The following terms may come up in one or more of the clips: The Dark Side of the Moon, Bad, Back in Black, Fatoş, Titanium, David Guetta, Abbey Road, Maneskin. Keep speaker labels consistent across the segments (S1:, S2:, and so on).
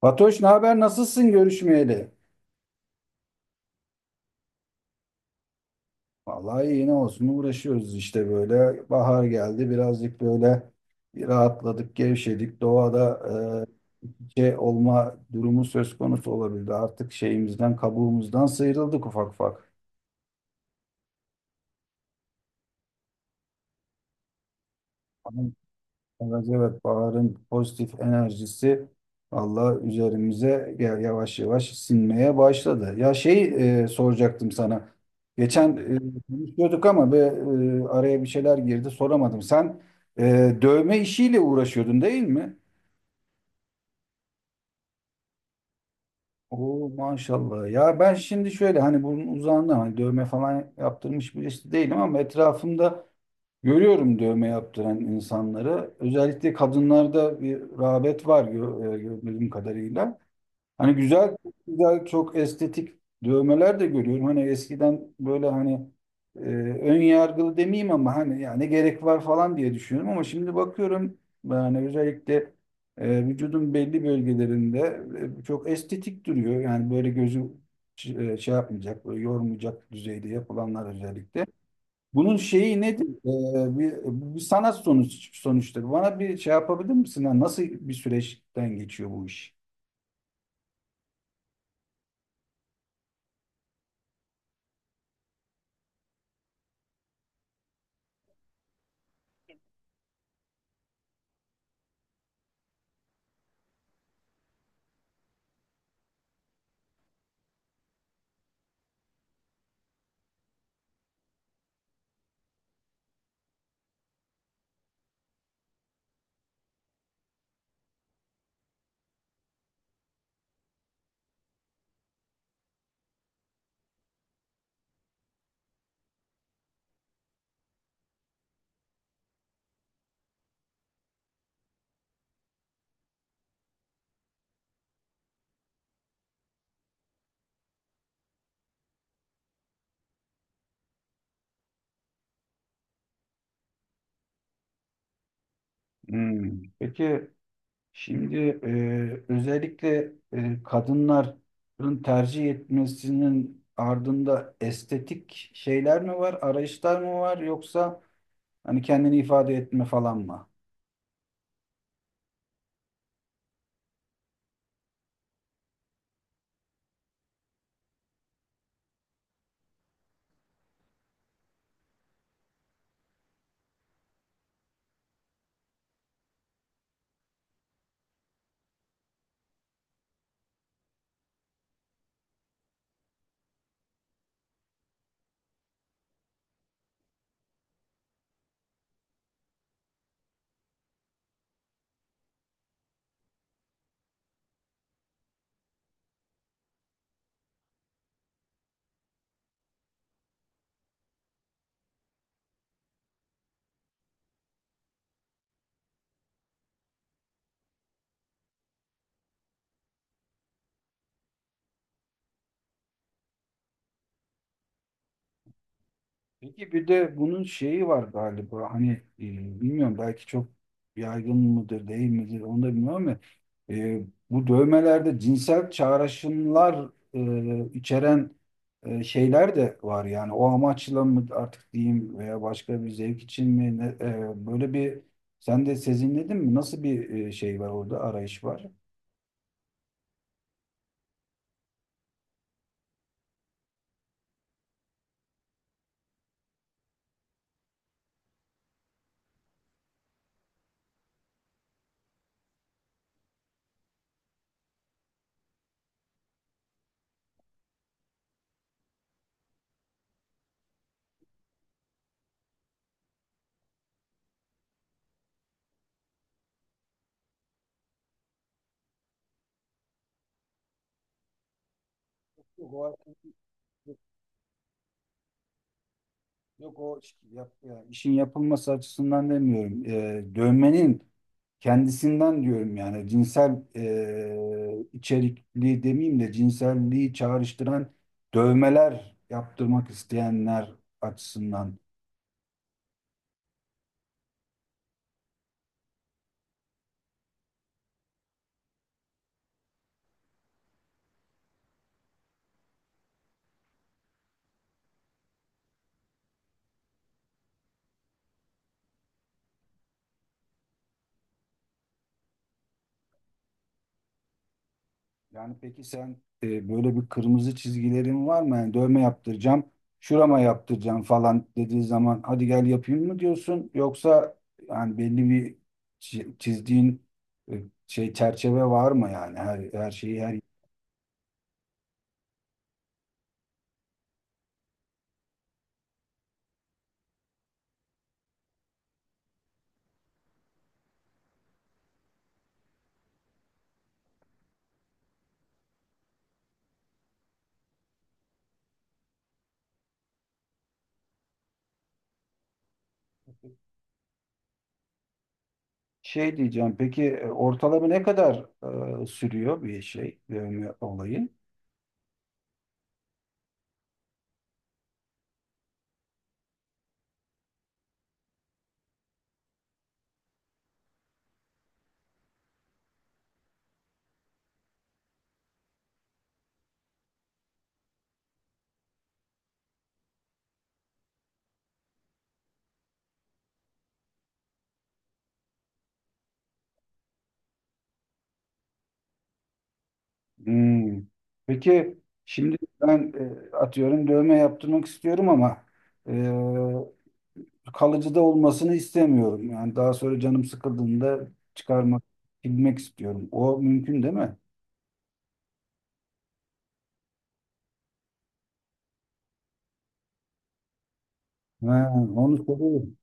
S1: Fatoş, ne haber? Nasılsın görüşmeyeli? Vallahi iyi ne olsun, uğraşıyoruz işte böyle. Bahar geldi, birazcık böyle bir rahatladık, gevşedik. Doğada şey olma durumu söz konusu olabildi. Artık şeyimizden, kabuğumuzdan sıyrıldık ufak ufak. Evet, evet, baharın pozitif enerjisi Allah üzerimize yavaş yavaş sinmeye başladı. Ya şey, soracaktım sana. Geçen konuşuyorduk ama araya bir şeyler girdi, soramadım. Sen dövme işiyle uğraşıyordun, değil mi? Oo, maşallah. Ya ben şimdi şöyle, hani bunun uzağında, hani dövme falan yaptırmış birisi değilim, ama etrafımda görüyorum dövme yaptıran insanları. Özellikle kadınlarda bir rağbet var, gördüğüm kadarıyla. Hani güzel, güzel, çok estetik dövmeler de görüyorum. Hani eskiden böyle, hani e, ön yargılı demeyeyim ama hani ya ne gerek var falan diye düşünüyorum, ama şimdi bakıyorum yani, özellikle vücudun belli bölgelerinde çok estetik duruyor. Yani böyle gözü şey yapmayacak, böyle yormayacak düzeyde yapılanlar özellikle. Bunun şeyi nedir? Bir sanat sonuçtur. Bana bir şey yapabilir misin? Yani nasıl bir süreçten geçiyor bu iş? Hmm. Peki, şimdi özellikle kadınların tercih etmesinin ardında estetik şeyler mi var, arayışlar mı var, yoksa hani kendini ifade etme falan mı? Peki bir de bunun şeyi var galiba, hani e, bilmiyorum, belki çok yaygın mıdır değil midir onu da bilmiyorum, ama e, bu dövmelerde cinsel çağrışımlar içeren şeyler de var, yani o amaçla mı artık diyeyim, veya başka bir zevk için mi, böyle bir sen de sezinledin mi, nasıl bir şey var orada, arayış var? Yok o, yok, yani işin yapılması açısından demiyorum. Dövmenin kendisinden diyorum, yani cinsel içerikli demeyeyim de, cinselliği çağrıştıran dövmeler yaptırmak isteyenler açısından. Yani peki sen böyle bir kırmızı çizgilerin var mı? Yani dövme yaptıracağım, şurama yaptıracağım falan dediği zaman, hadi gel yapayım mı diyorsun? Yoksa yani belli bir çizdiğin şey, çerçeve var mı, yani her şeyi? Şey diyeceğim, peki ortalama ne kadar sürüyor bir şey, dövme olayı? Hmm. Peki şimdi ben atıyorum, dövme yaptırmak istiyorum, ama kalıcı da olmasını istemiyorum. Yani daha sonra canım sıkıldığında çıkarmak, silmek istiyorum. O mümkün değil mi? Ha, onu soruyorum.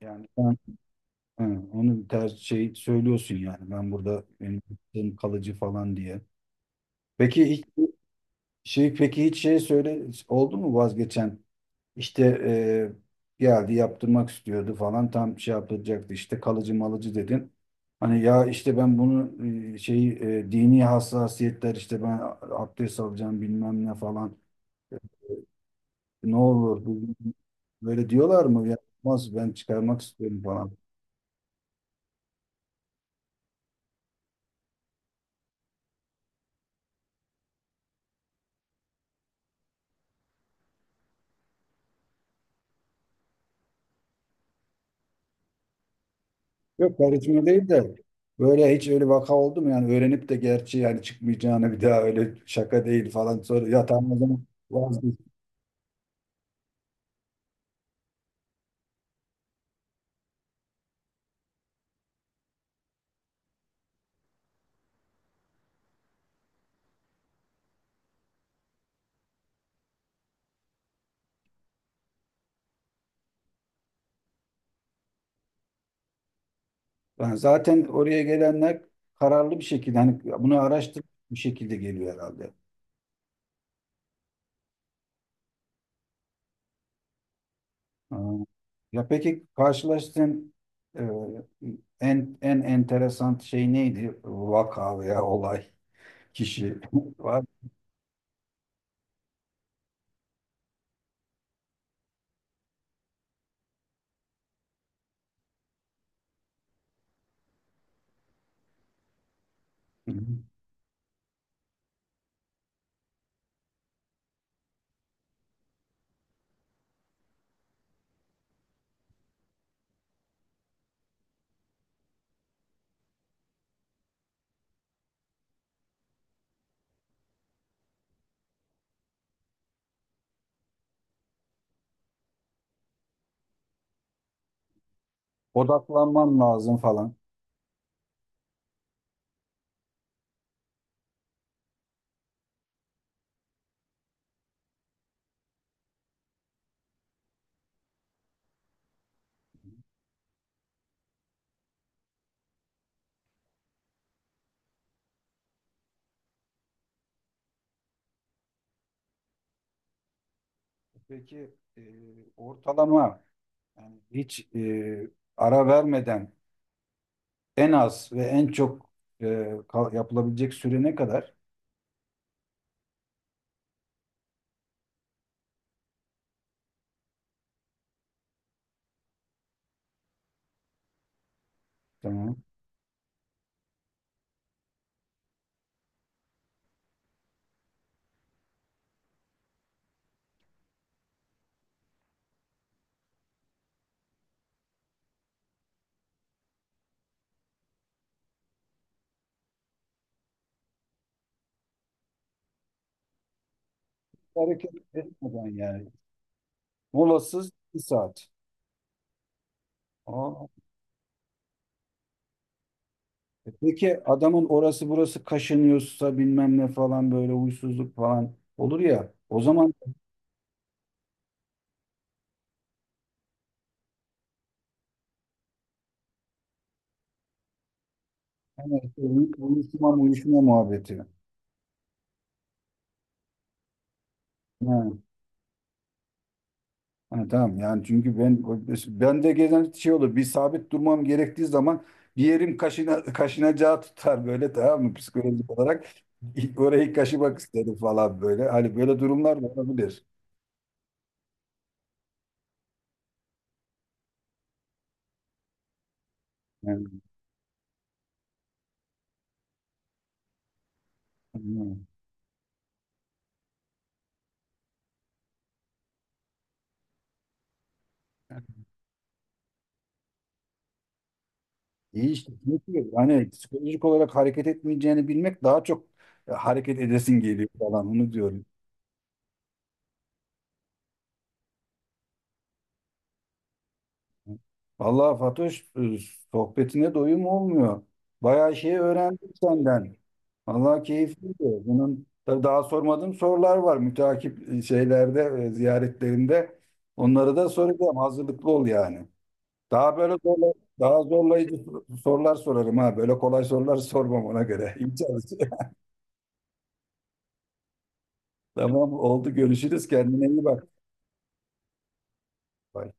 S1: Yani sen ha, onu ters şey söylüyorsun yani, ben burada benim yaptığım kalıcı falan diye. Peki ilk Şey, peki hiç şey söyle oldu mu vazgeçen? İşte geldi, yaptırmak istiyordu falan, tam şey yaptıracaktı işte, kalıcı malıcı dedin. Hani ya işte, ben bunu şey dini hassasiyetler, işte ben abdest alacağım bilmem ne falan. e, Ne olur böyle diyorlar mı? Ya, olmaz, ben çıkarmak istiyorum falan. Yok karizma değil de, böyle hiç öyle vaka oldu mu? Yani öğrenip de, gerçi yani çıkmayacağını bir daha, öyle şaka değil falan, sonra ya tamam o zaman vazgeçtim. Yani zaten oraya gelenler kararlı bir şekilde hani bunu araştırıp bir şekilde geliyor herhalde. Ha. Ya peki karşılaştığın e, en en enteresan şey neydi? Vaka veya olay, kişi var. Hı hı. Odaklanman lazım falan. Peki ortalama yani, hiç ara vermeden en az ve en çok yapılabilecek süre ne kadar? Tamam. Hareket etmeden yani, molasız bir saat. Aa, peki adamın orası burası kaşınıyorsa bilmem ne falan, böyle huysuzluk falan olur ya. O zaman yani işte uyuşma uyuşma muhabbeti. Ha, ha, tamam yani, çünkü ben de gelen şey olur, bir sabit durmam gerektiği zaman bir yerim kaşına, kaşınacağı tutar böyle, tamam mı, psikolojik olarak orayı kaşımak isterim falan böyle. Hani böyle durumlar da olabilir. Yani, İyi işte. Çünkü hani psikolojik olarak hareket etmeyeceğini bilmek, daha çok hareket edesin geliyor falan. Onu diyorum. Vallahi Fatoş, sohbetine doyum olmuyor. Bayağı şey öğrendim senden. Vallahi keyifliydi. Bunun tabii daha sormadığım sorular var. Müteakip şeylerde, ziyaretlerinde. Onları da soracağım. Hazırlıklı ol yani. Daha böyle daha zorlayıcı sorular sorarım ha. Böyle kolay sorular sormam, ona göre. İyi çalış. Tamam oldu, görüşürüz, kendine iyi bak. Bay.